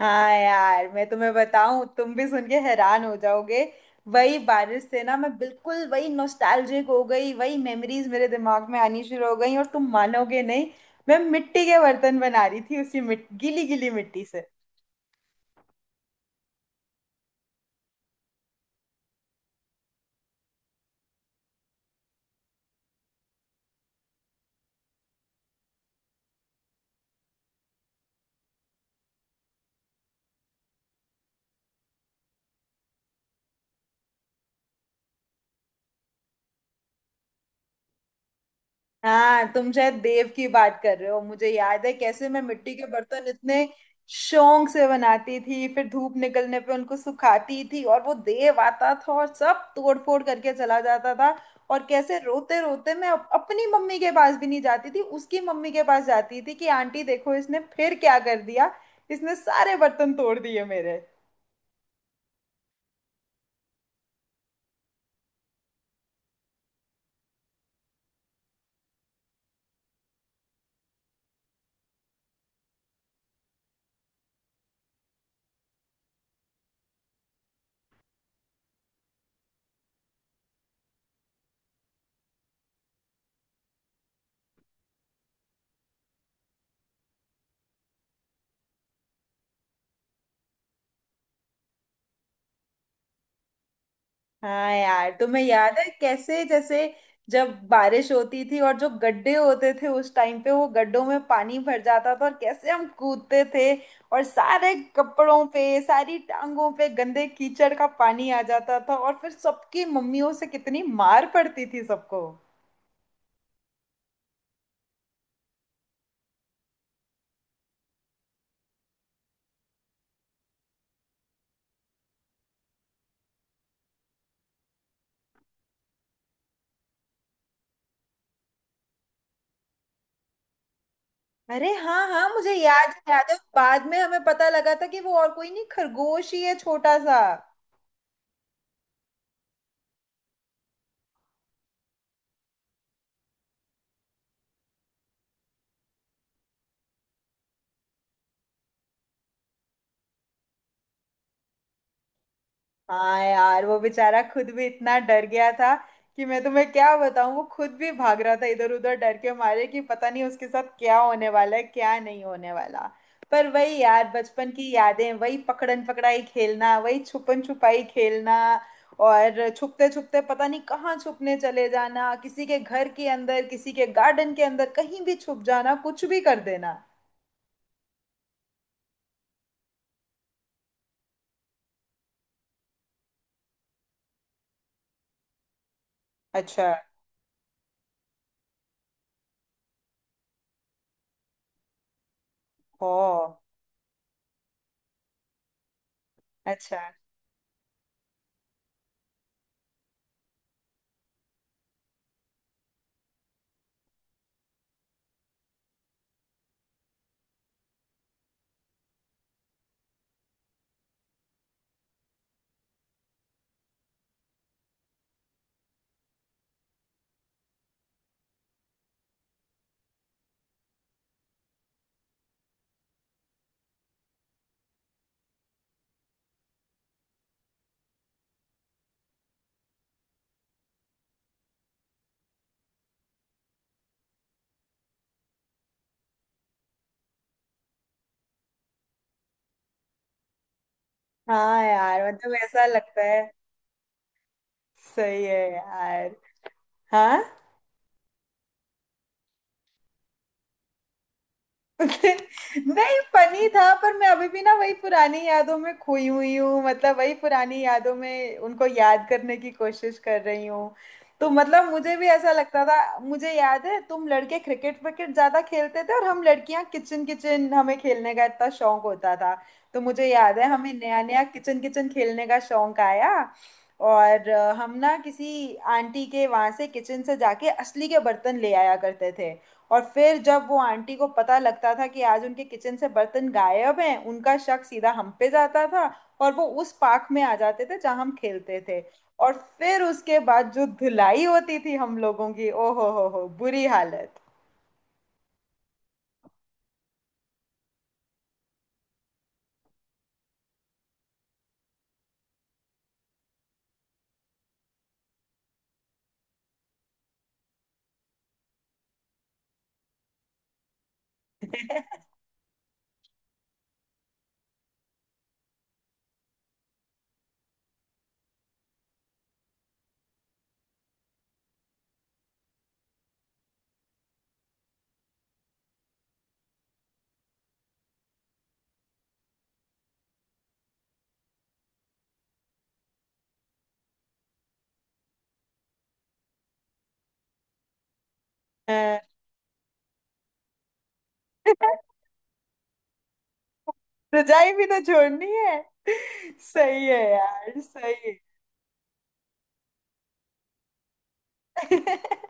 हाँ यार, मैं तुम्हें बताऊं, तुम भी सुन के हैरान हो जाओगे। वही बारिश से ना, मैं बिल्कुल वही नॉस्टैल्जिक हो गई, वही मेमोरीज मेरे दिमाग में आनी शुरू हो गई और तुम मानोगे नहीं। मैं मिट्टी के बर्तन बना रही थी उसी गीली गीली मिट्टी से। हाँ, तुम शायद देव की बात कर रहे हो। मुझे याद है कैसे मैं मिट्टी के बर्तन इतने शौक से बनाती थी, फिर धूप निकलने पे उनको सुखाती थी और वो देव आता था और सब तोड़ फोड़ करके चला जाता था। और कैसे रोते रोते मैं अपनी मम्मी के पास भी नहीं जाती थी, उसकी मम्मी के पास जाती थी कि आंटी देखो इसने फिर क्या कर दिया, इसने सारे बर्तन तोड़ दिए मेरे। हाँ यार, तुम्हें याद है कैसे जैसे जब बारिश होती थी और जो गड्ढे होते थे उस टाइम पे, वो गड्ढों में पानी भर जाता था और कैसे हम कूदते थे, और सारे कपड़ों पे सारी टांगों पे गंदे कीचड़ का पानी आ जाता था, और फिर सबकी मम्मियों से कितनी मार पड़ती थी सबको। अरे हाँ हाँ, मुझे याद है बाद में हमें पता लगा था कि वो और कोई नहीं, खरगोश ही है छोटा सा। हाँ यार, वो बेचारा खुद भी इतना डर गया था कि मैं तुम्हें क्या बताऊं। वो खुद भी भाग रहा था इधर उधर डर के मारे कि पता नहीं उसके साथ क्या होने वाला है क्या नहीं होने वाला। पर वही यार, बचपन की यादें, वही पकड़न पकड़ाई खेलना, वही छुपन छुपाई खेलना, और छुपते छुपते पता नहीं कहाँ छुपने चले जाना, किसी के घर के अंदर, किसी के गार्डन के अंदर, कहीं भी छुप जाना, कुछ भी कर देना। अच्छा। ओ। अच्छा। हाँ यार, मतलब ऐसा लगता है। सही है यार। हाँ। नहीं, फनी था, पर मैं अभी भी ना वही पुरानी यादों में खोई हुई हूँ। मतलब वही पुरानी यादों में उनको याद करने की कोशिश कर रही हूँ। तो मतलब मुझे भी ऐसा लगता था। मुझे याद है तुम लड़के क्रिकेट विकेट ज्यादा खेलते थे और हम लड़कियां किचन किचन, हमें खेलने का इतना शौक होता था। तो मुझे याद है हमें नया नया किचन किचन खेलने का शौक आया। और हम ना किसी आंटी के वहां से, किचन से जाके असली के बर्तन ले आया करते थे। और फिर जब वो आंटी को पता लगता था कि आज उनके किचन से बर्तन गायब हैं, उनका शक सीधा हम पे जाता था, और वो उस पार्क में आ जाते थे जहां हम खेलते थे। और फिर उसके बाद जो धुलाई होती थी हम लोगों की, ओ हो, बुरी हालत। अ, रजाई भी तो छोड़नी है। सही है यार, सही है।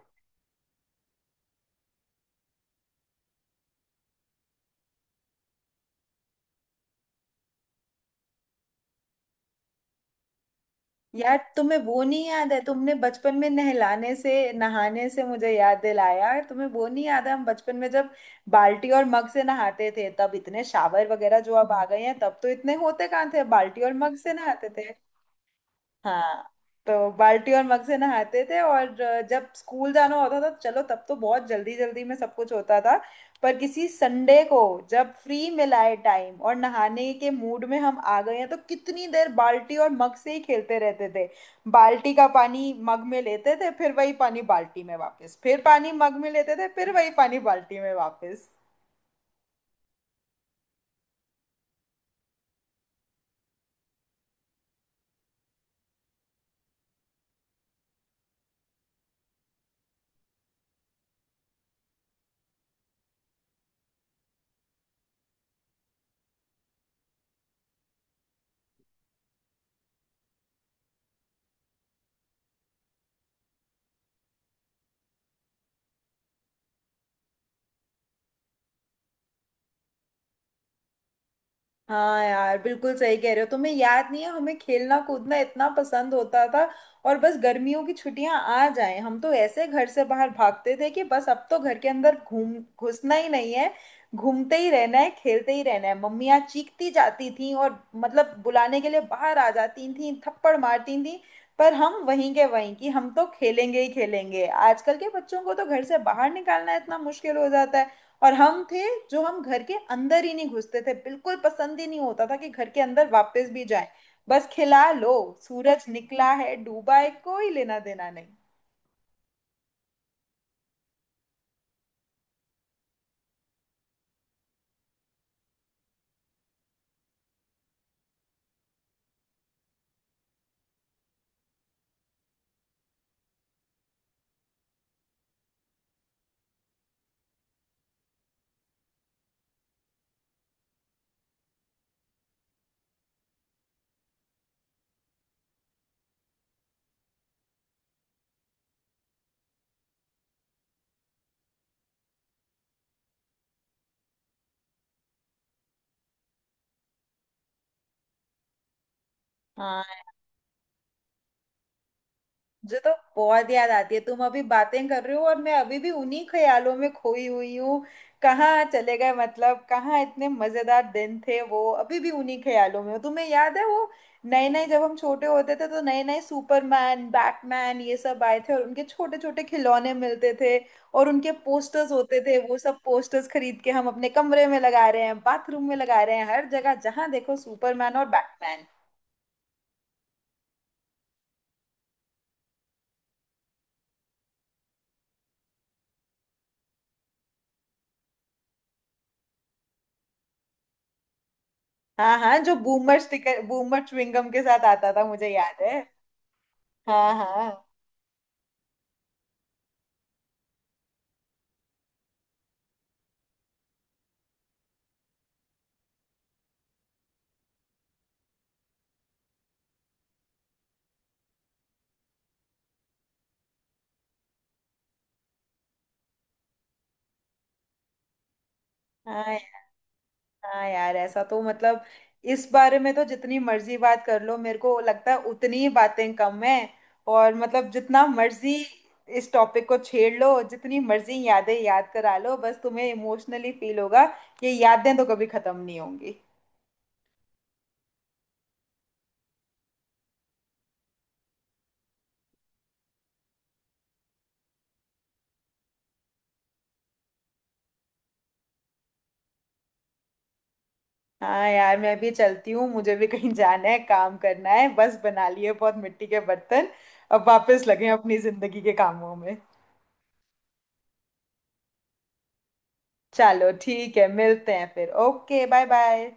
यार, तुम्हें वो नहीं याद है? तुमने बचपन में नहलाने से, नहाने से मुझे याद दिलाया। तुम्हें वो नहीं याद है हम बचपन में जब बाल्टी और मग से नहाते थे? तब इतने शावर वगैरह जो अब आ गए हैं, तब तो इतने होते कहाँ थे। बाल्टी और मग से नहाते थे। हाँ। तो बाल्टी और मग से नहाते थे, और जब स्कूल जाना होता था, चलो तब तो बहुत जल्दी जल्दी में सब कुछ होता था। पर किसी संडे को, जब फ्री मिला है टाइम और नहाने के मूड में हम आ गए हैं, तो कितनी देर बाल्टी और मग से ही खेलते रहते थे। बाल्टी का पानी मग में लेते थे, फिर वही पानी बाल्टी में वापस, फिर पानी मग में लेते थे, फिर वही पानी बाल्टी में वापस। हाँ यार, बिल्कुल सही कह रहे हो। तुम्हें याद नहीं है हमें खेलना कूदना इतना पसंद होता था? और बस गर्मियों की छुट्टियां आ जाएं, हम तो ऐसे घर से बाहर भागते थे कि बस अब तो घर के अंदर घूम घुसना ही नहीं है, घूमते ही रहना है, खेलते ही रहना है। मम्मियाँ चीखती जाती थी और मतलब बुलाने के लिए बाहर आ जाती थी, थप्पड़ मारती थी, पर हम वहीं के वहीं कि हम तो खेलेंगे ही खेलेंगे। आजकल के बच्चों को तो घर से बाहर निकालना इतना मुश्किल हो जाता है, और हम थे जो हम घर के अंदर ही नहीं घुसते थे। बिल्कुल पसंद ही नहीं होता था कि घर के अंदर वापस भी जाएं। बस खिला लो, सूरज निकला है डूबा है कोई लेना देना नहीं। मुझे तो बहुत याद आती है। तुम अभी बातें कर रहे हो और मैं अभी भी उन्हीं ख्यालों में खोई हुई हूँ कहाँ चले गए, मतलब कहाँ इतने मजेदार दिन थे वो। अभी भी उन्हीं ख्यालों में हूँ। तुम्हें याद है वो नए नए, जब हम छोटे होते थे तो नए नए सुपरमैन बैटमैन ये सब आए थे, और उनके छोटे छोटे खिलौने मिलते थे, और उनके पोस्टर्स होते थे। वो सब पोस्टर्स खरीद के हम अपने कमरे में लगा रहे हैं, बाथरूम में लगा रहे हैं, हर जगह जहाँ देखो सुपरमैन और बैटमैन। हाँ हाँ, जो बूमर स्टिकर, बूमर च्युइंगम के साथ आता था, मुझे याद है। हाँ हाँ। हाँ हाँ यार, ऐसा तो मतलब, इस बारे में तो जितनी मर्जी बात कर लो, मेरे को लगता है उतनी ही बातें कम है। और मतलब जितना मर्जी इस टॉपिक को छेड़ लो, जितनी मर्जी यादें याद करा लो, बस तुम्हें इमोशनली फील होगा। ये यादें तो कभी खत्म नहीं होंगी। हाँ यार, मैं भी चलती हूँ, मुझे भी कहीं जाना है, काम करना है। बस, बना लिए बहुत मिट्टी के बर्तन, अब वापस लगे हैं अपनी जिंदगी के कामों में। चलो ठीक है, मिलते हैं फिर। Okay, bye bye.